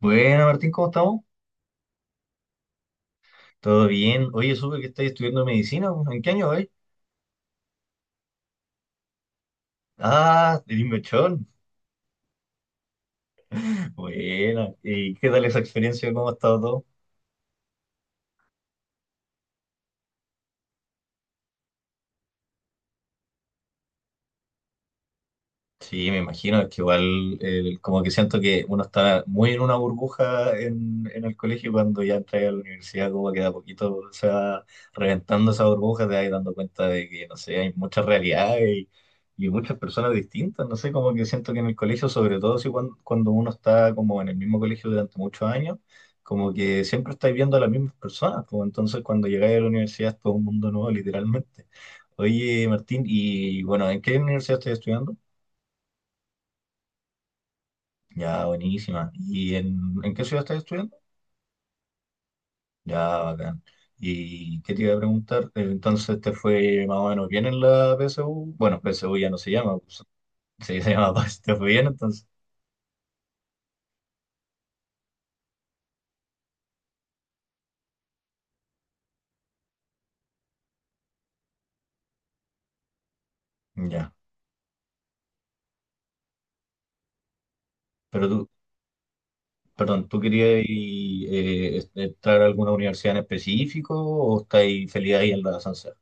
Bueno, Martín, ¿cómo estamos? ¿Todo bien? Oye, supe que estás estudiando medicina, ¿no? ¿En qué año hoy? Ah, eres mechón. Buena. ¿Y qué tal esa experiencia? ¿Cómo ha estado todo? Sí, me imagino, es que igual como que siento que uno está muy en una burbuja en el colegio y cuando ya entra a la universidad, como que de a poquito se va reventando esa burbuja, te vas dando cuenta de que, no sé, hay muchas realidades y muchas personas distintas, no sé, como que siento que en el colegio, sobre todo si cuando uno está como en el mismo colegio durante muchos años, como que siempre estáis viendo a las mismas personas, como entonces cuando llegáis a la universidad es todo un mundo nuevo, literalmente. Oye, Martín, y bueno, ¿en qué universidad estás estudiando? Ya, buenísima. ¿Y en qué ciudad estás estudiando? Ya, bacán. ¿Y qué te iba a preguntar? Entonces, ¿te fue más o menos bien en la PSU? Bueno, PSU ya no se llama, pues, se llama PAS, ¿te fue bien entonces? Ya. Pero tú, perdón, ¿tú querías entrar a alguna universidad en específico o estáis feliz ahí en la Sansea?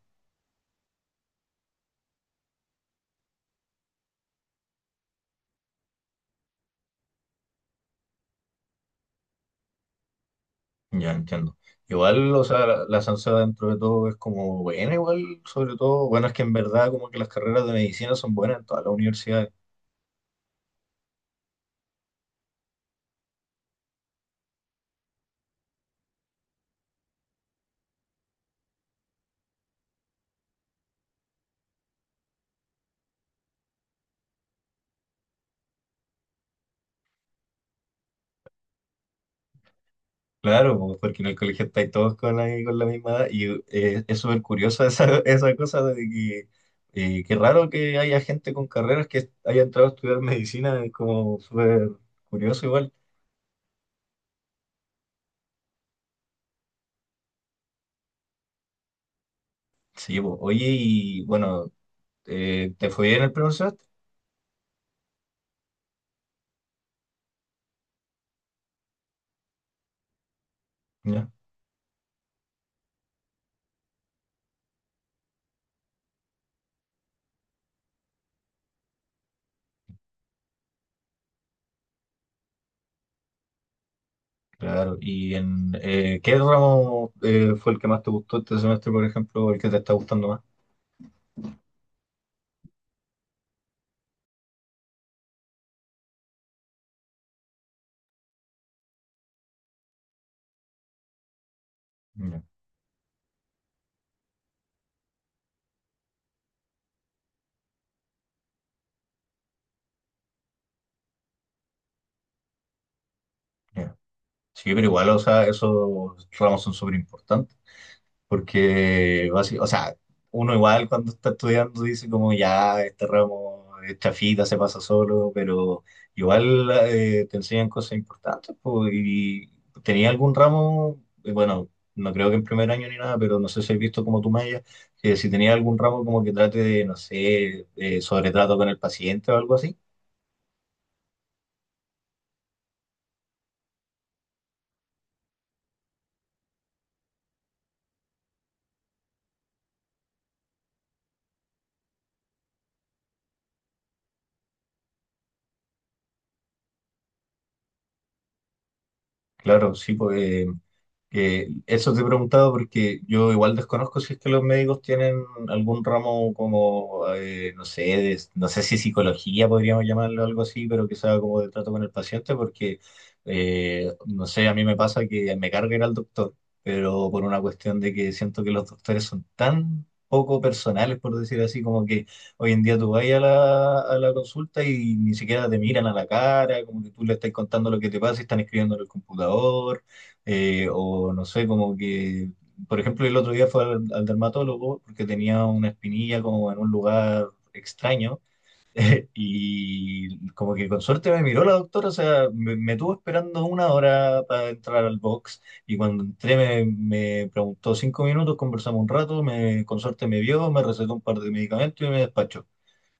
Ya, entiendo. Igual, o sea, la Sansea dentro de todo es como buena, igual, sobre todo, bueno, es que en verdad como que las carreras de medicina son buenas en todas las universidades. Claro, po, porque en el colegio estáis todos con la misma edad y es súper curiosa esa, esa cosa de que qué raro que haya gente con carreras que haya entrado a estudiar medicina, es como súper curioso igual. Sí, po. Oye, y bueno, ¿te fue bien el primer semestre? Ya, claro. ¿Y en qué ramo fue el que más te gustó este semestre, por ejemplo, o el que te está gustando más? Ya, ya. Sí, pero igual, o sea, esos ramos son súper importantes. Porque, o sea, uno igual cuando está estudiando dice como ya, este ramo es chafita, se pasa solo, pero igual te enseñan cosas importantes, pues. Y tenía algún ramo, bueno, no creo que en primer año ni nada, pero no sé si has visto como tú, Maya, que si tenía algún ramo como que trate de, no sé, sobretrato con el paciente o algo así. Claro, sí, pues. Que eso te he preguntado porque yo igual desconozco si es que los médicos tienen algún ramo como, no sé, no sé si psicología podríamos llamarlo algo así, pero que sea como de trato con el paciente, porque, no sé, a mí me pasa que me carga ir al doctor, pero por una cuestión de que siento que los doctores son tan poco personales, por decir así, como que hoy en día tú vas a la consulta y ni siquiera te miran a la cara, como que tú le estás contando lo que te pasa y están escribiendo en el computador. O no sé, como que, por ejemplo, el otro día fue al dermatólogo porque tenía una espinilla como en un lugar extraño y como que con suerte me miró la doctora, o sea, me tuvo esperando una hora para entrar al box y cuando entré me preguntó cinco minutos, conversamos un rato, me, con suerte me vio, me recetó un par de medicamentos y me despachó.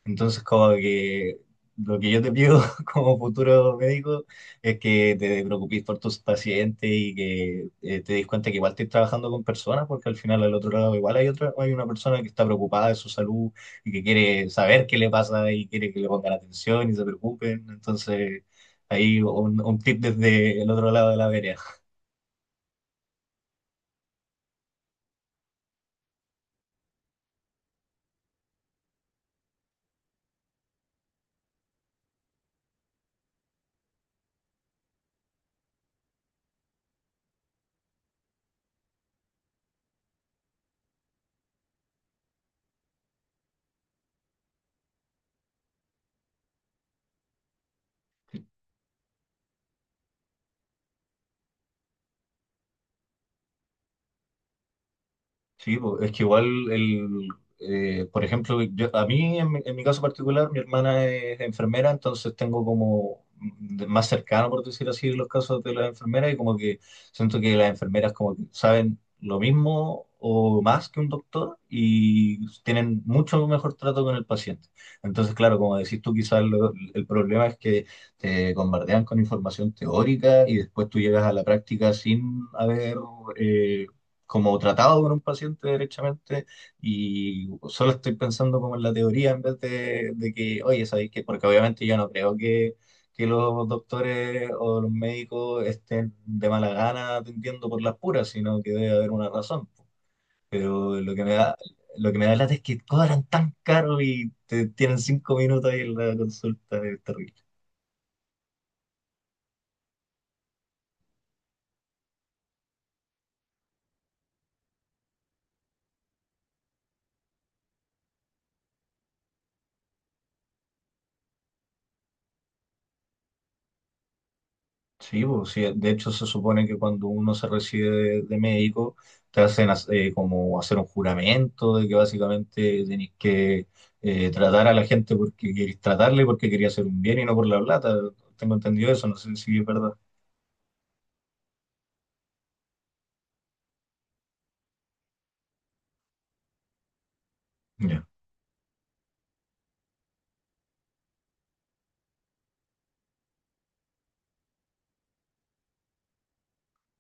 Entonces, como que lo que yo te pido como futuro médico es que te preocupes por tus pacientes y que te des cuenta que igual estás trabajando con personas, porque al final al otro lado igual hay otra, hay una persona que está preocupada de su salud y que quiere saber qué le pasa y quiere que le pongan atención y se preocupen. Entonces, ahí un tip desde el otro lado de la vereda. Sí, po, es que igual, el, por ejemplo, yo- a mí, en, mi caso particular, mi hermana es enfermera, entonces tengo como más cercano, por decir así, los casos de las enfermeras y como que siento que las enfermeras como que saben lo mismo o más que un doctor y tienen mucho mejor trato con el paciente. Entonces, claro, como decís tú, quizás el problema es que te bombardean con información teórica y después tú llegas a la práctica sin haber... eh, como tratado con un paciente derechamente y solo estoy pensando como en la teoría en vez de que, oye, ¿sabéis qué? Porque obviamente yo no creo que los doctores o los médicos estén de mala gana atendiendo por las puras, sino que debe haber una razón. Pero lo que me da, lo que me da lata es que cobran tan caro y te tienen cinco minutos ahí en la consulta, es terrible. Sí, pues, sí, de hecho se supone que cuando uno se recibe de médico te hacen como hacer un juramento de que básicamente tenés que tratar a la gente porque querés tratarle, porque quería hacer un bien y no por la plata. Tengo entendido eso, no sé si es verdad. Ya.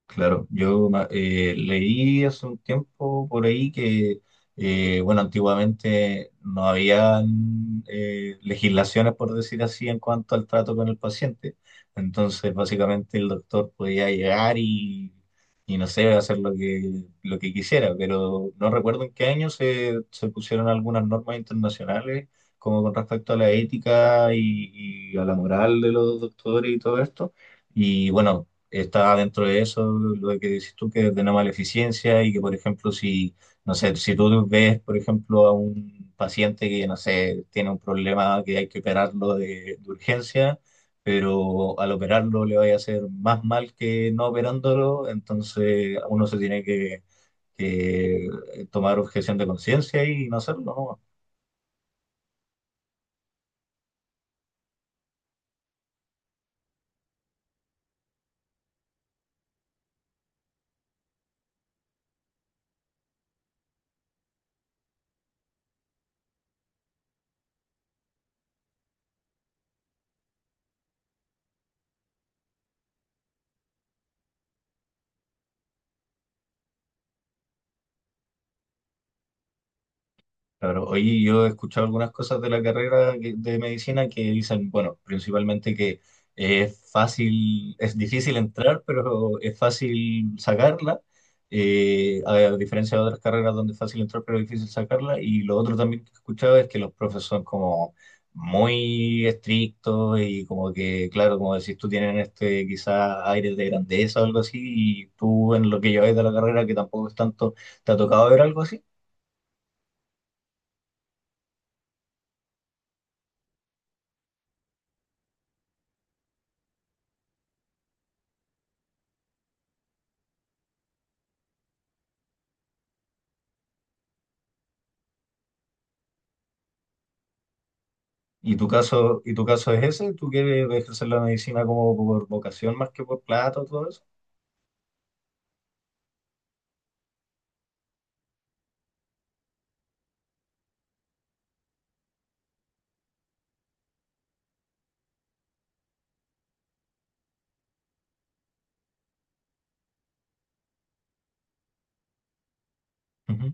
Claro, yo leí hace un tiempo por ahí que, bueno, antiguamente no habían legislaciones, por decir así, en cuanto al trato con el paciente. Entonces, básicamente el doctor podía llegar y no sé, hacer lo que quisiera, pero no recuerdo en qué año se pusieron algunas normas internacionales, como con respecto a la ética y a la moral de los doctores y todo esto. Y bueno, está dentro de eso lo que dices tú, que es de eficiencia y que, por ejemplo, si, no sé, si tú ves, por ejemplo, a un paciente que, no sé, tiene un problema que hay que operarlo de urgencia, pero al operarlo le vaya a hacer más mal que no operándolo, entonces uno se tiene que tomar objeción de conciencia y no hacerlo, ¿no? Claro, oye, yo he escuchado algunas cosas de la carrera de medicina que dicen, bueno, principalmente que es fácil, es difícil entrar, pero es fácil sacarla, a diferencia de otras carreras donde es fácil entrar, pero es difícil sacarla. Y lo otro también que he escuchado es que los profes son como muy estrictos y como que, claro, como decís tú, tienen este quizá aire de grandeza o algo así, y tú en lo que lleváis de la carrera, que tampoco es tanto, ¿te ha tocado ver algo así? Y tu caso es ese? ¿Tú quieres ejercer la medicina como por vocación más que por plata o todo eso? Ujú.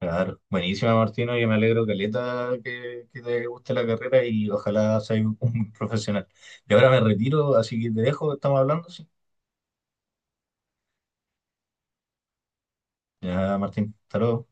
Claro, buenísima Martino, yo me alegro caleta que te guste la carrera y ojalá seas un un profesional. Y ahora me retiro, así que te dejo, estamos hablando, sí. Ya, Martín, hasta luego.